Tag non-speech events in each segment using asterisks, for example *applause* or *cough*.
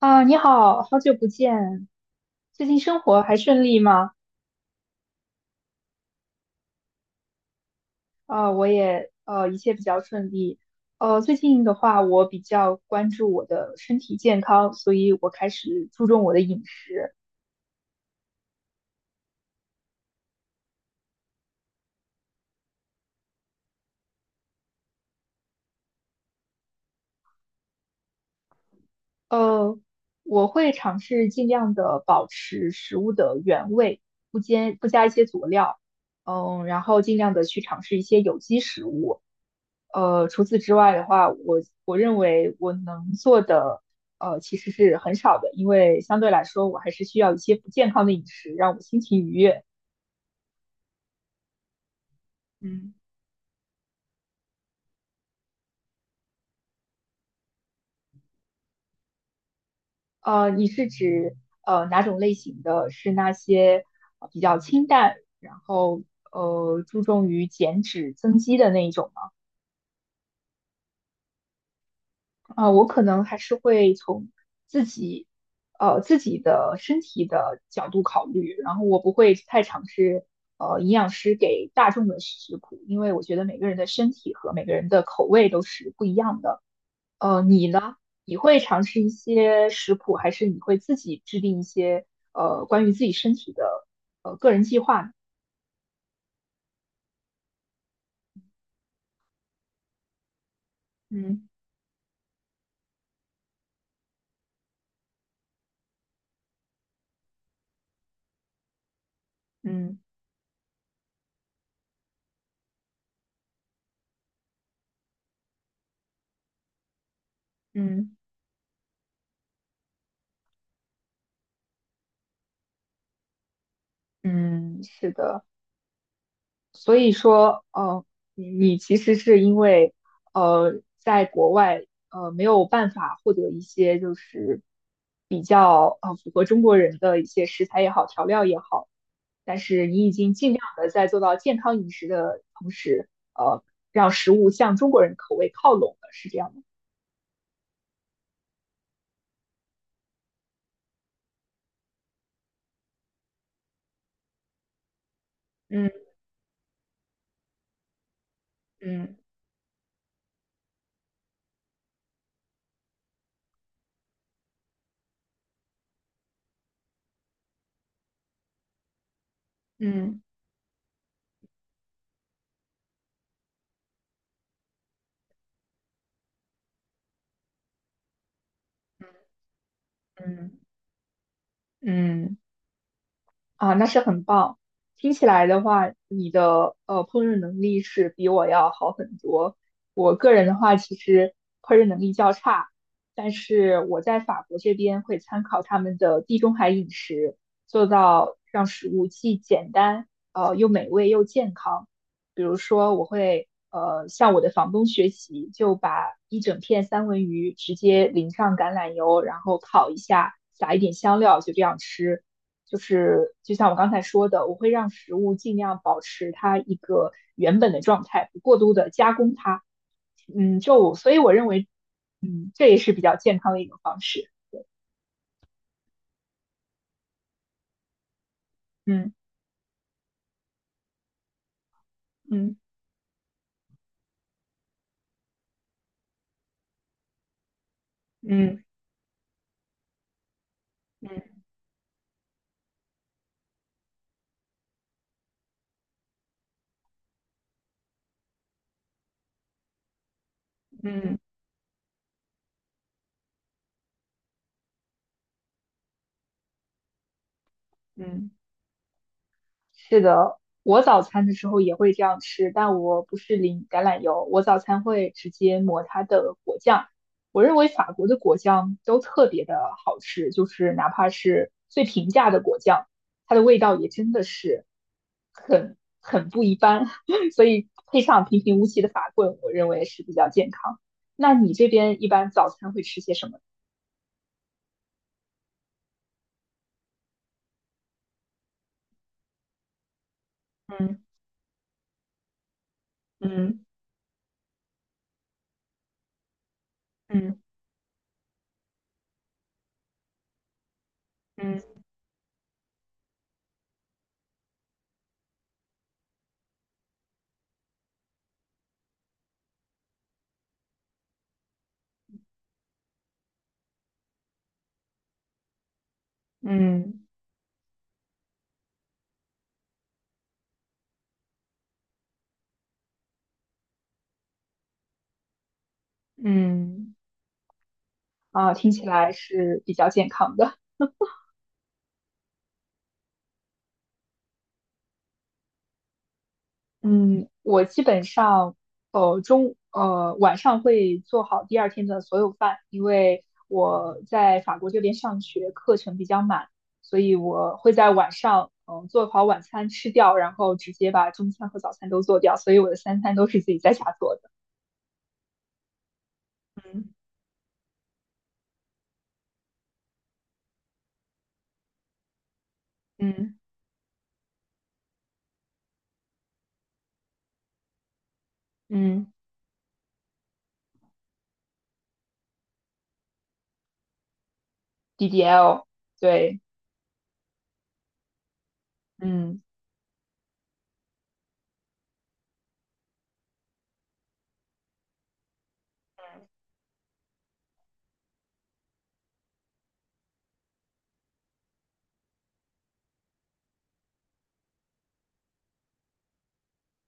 啊，你好，好久不见，最近生活还顺利吗？啊，我也一切比较顺利。最近的话，我比较关注我的身体健康，所以我开始注重我的饮食。呃，我会尝试尽量的保持食物的原味，不加一些佐料，然后尽量的去尝试一些有机食物。除此之外的话，我认为我能做的，其实是很少的，因为相对来说，我还是需要一些不健康的饮食，让我心情愉悦。嗯。你是指哪种类型的？是那些比较清淡，然后注重于减脂增肌的那一种吗？啊，我可能还是会从自己自己的身体的角度考虑，然后我不会太尝试营养师给大众的食谱，因为我觉得每个人的身体和每个人的口味都是不一样的。你呢？你会尝试一些食谱，还是你会自己制定一些关于自己身体的个人计划呢？嗯，嗯，嗯，嗯，是的。所以说，你其实是因为，在国外，没有办法获得一些就是比较符合中国人的一些食材也好，调料也好，但是你已经尽量的在做到健康饮食的同时，呃，让食物向中国人口味靠拢了，是这样吗？嗯，嗯，嗯，嗯，嗯。啊，那是很棒。听起来的话，你的烹饪能力是比我要好很多。我个人的话，其实烹饪能力较差，但是我在法国这边会参考他们的地中海饮食，做到让食物既简单，又美味又健康。比如说，我会向我的房东学习，就把一整片三文鱼直接淋上橄榄油，然后烤一下，撒一点香料，就这样吃。就是就像我刚才说的，我会让食物尽量保持它一个原本的状态，不过度的加工它。就所以我认为，这也是比较健康的一种方式。嗯，嗯，嗯，嗯，嗯，嗯。是的，我早餐的时候也会这样吃，但我不是淋橄榄油，我早餐会直接抹它的果酱。我认为法国的果酱都特别的好吃，就是哪怕是最平价的果酱，它的味道也真的是很不一般。*laughs* 所以配上平平无奇的法棍，我认为是比较健康。那你这边一般早餐会吃些什么？嗯，嗯，嗯，嗯，嗯，嗯。听起来是比较健康的。嗯，我基本上呃中呃晚上会做好第二天的所有饭，因为我在法国这边上学，课程比较满，所以我会在晚上做好晚餐吃掉，然后直接把中餐和早餐都做掉，所以我的三餐都是自己在家做的。嗯，嗯，嗯，DDL，对，嗯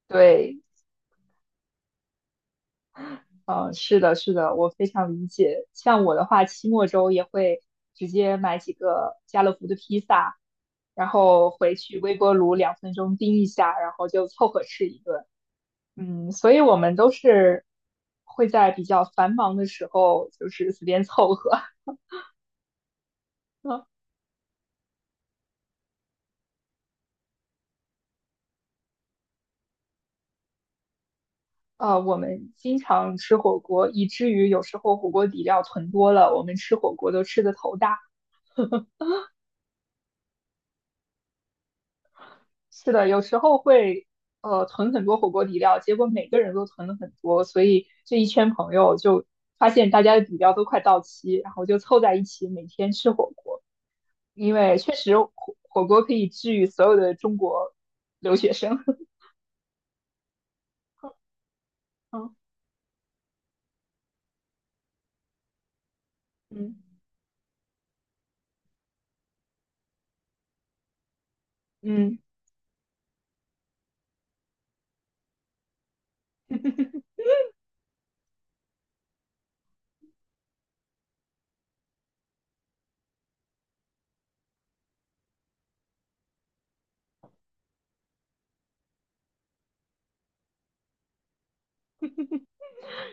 对，嗯，是的，是的，我非常理解。像我的话，期末周也会直接买几个家乐福的披萨，然后回去微波炉2分钟叮一下，然后就凑合吃一顿。所以我们都是会在比较繁忙的时候，就是随便凑合。*laughs* 我们经常吃火锅，以至于有时候火锅底料囤多了，我们吃火锅都吃得头大。是的，有时候会囤很多火锅底料，结果每个人都囤了很多，所以这一圈朋友就发现大家的底料都快到期，然后就凑在一起每天吃火锅，因为确实火锅可以治愈所有的中国留学生。*laughs* 嗯，嗯，嗯。嗯。 *laughs*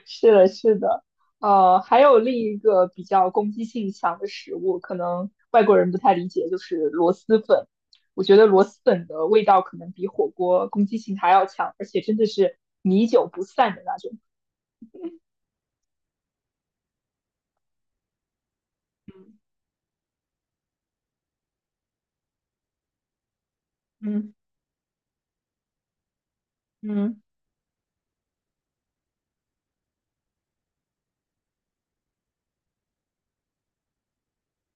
是的，是的，还有另一个比较攻击性强的食物，可能外国人不太理解，就是螺蛳粉。我觉得螺蛳粉的味道可能比火锅攻击性还要强，而且真的是米久不散的那种。嗯，嗯，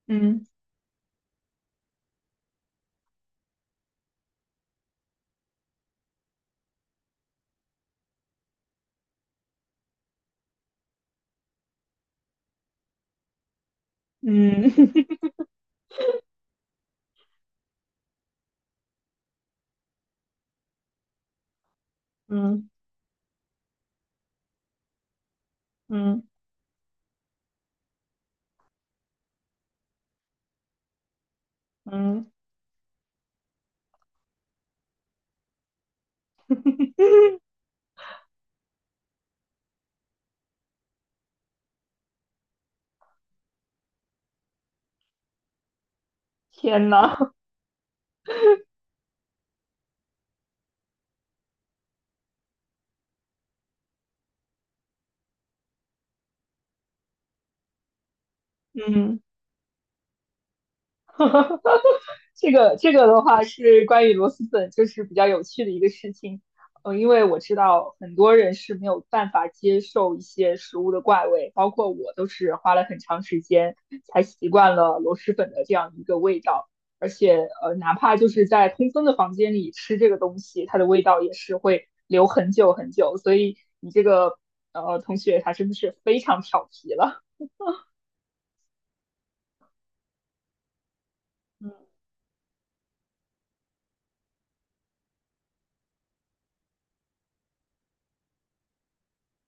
嗯，嗯。 *laughs* 嗯，嗯，嗯，天呐。*laughs* 嗯。这个的话是关于螺蛳粉，就是比较有趣的一个事情。因为我知道很多人是没有办法接受一些食物的怪味，包括我都是花了很长时间才习惯了螺蛳粉的这样一个味道。而且，哪怕就是在通风的房间里吃这个东西，它的味道也是会留很久很久。所以你这个同学他真的是非常调皮了。嗯，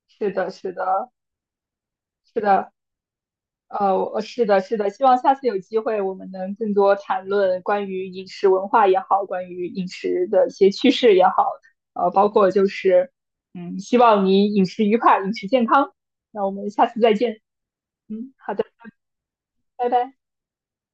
是的，是的，是的。是的，是的，希望下次有机会我们能更多谈论关于饮食文化也好，关于饮食的一些趋势也好，包括就是，希望你饮食愉快，饮食健康。那我们下次再见。好的，拜拜。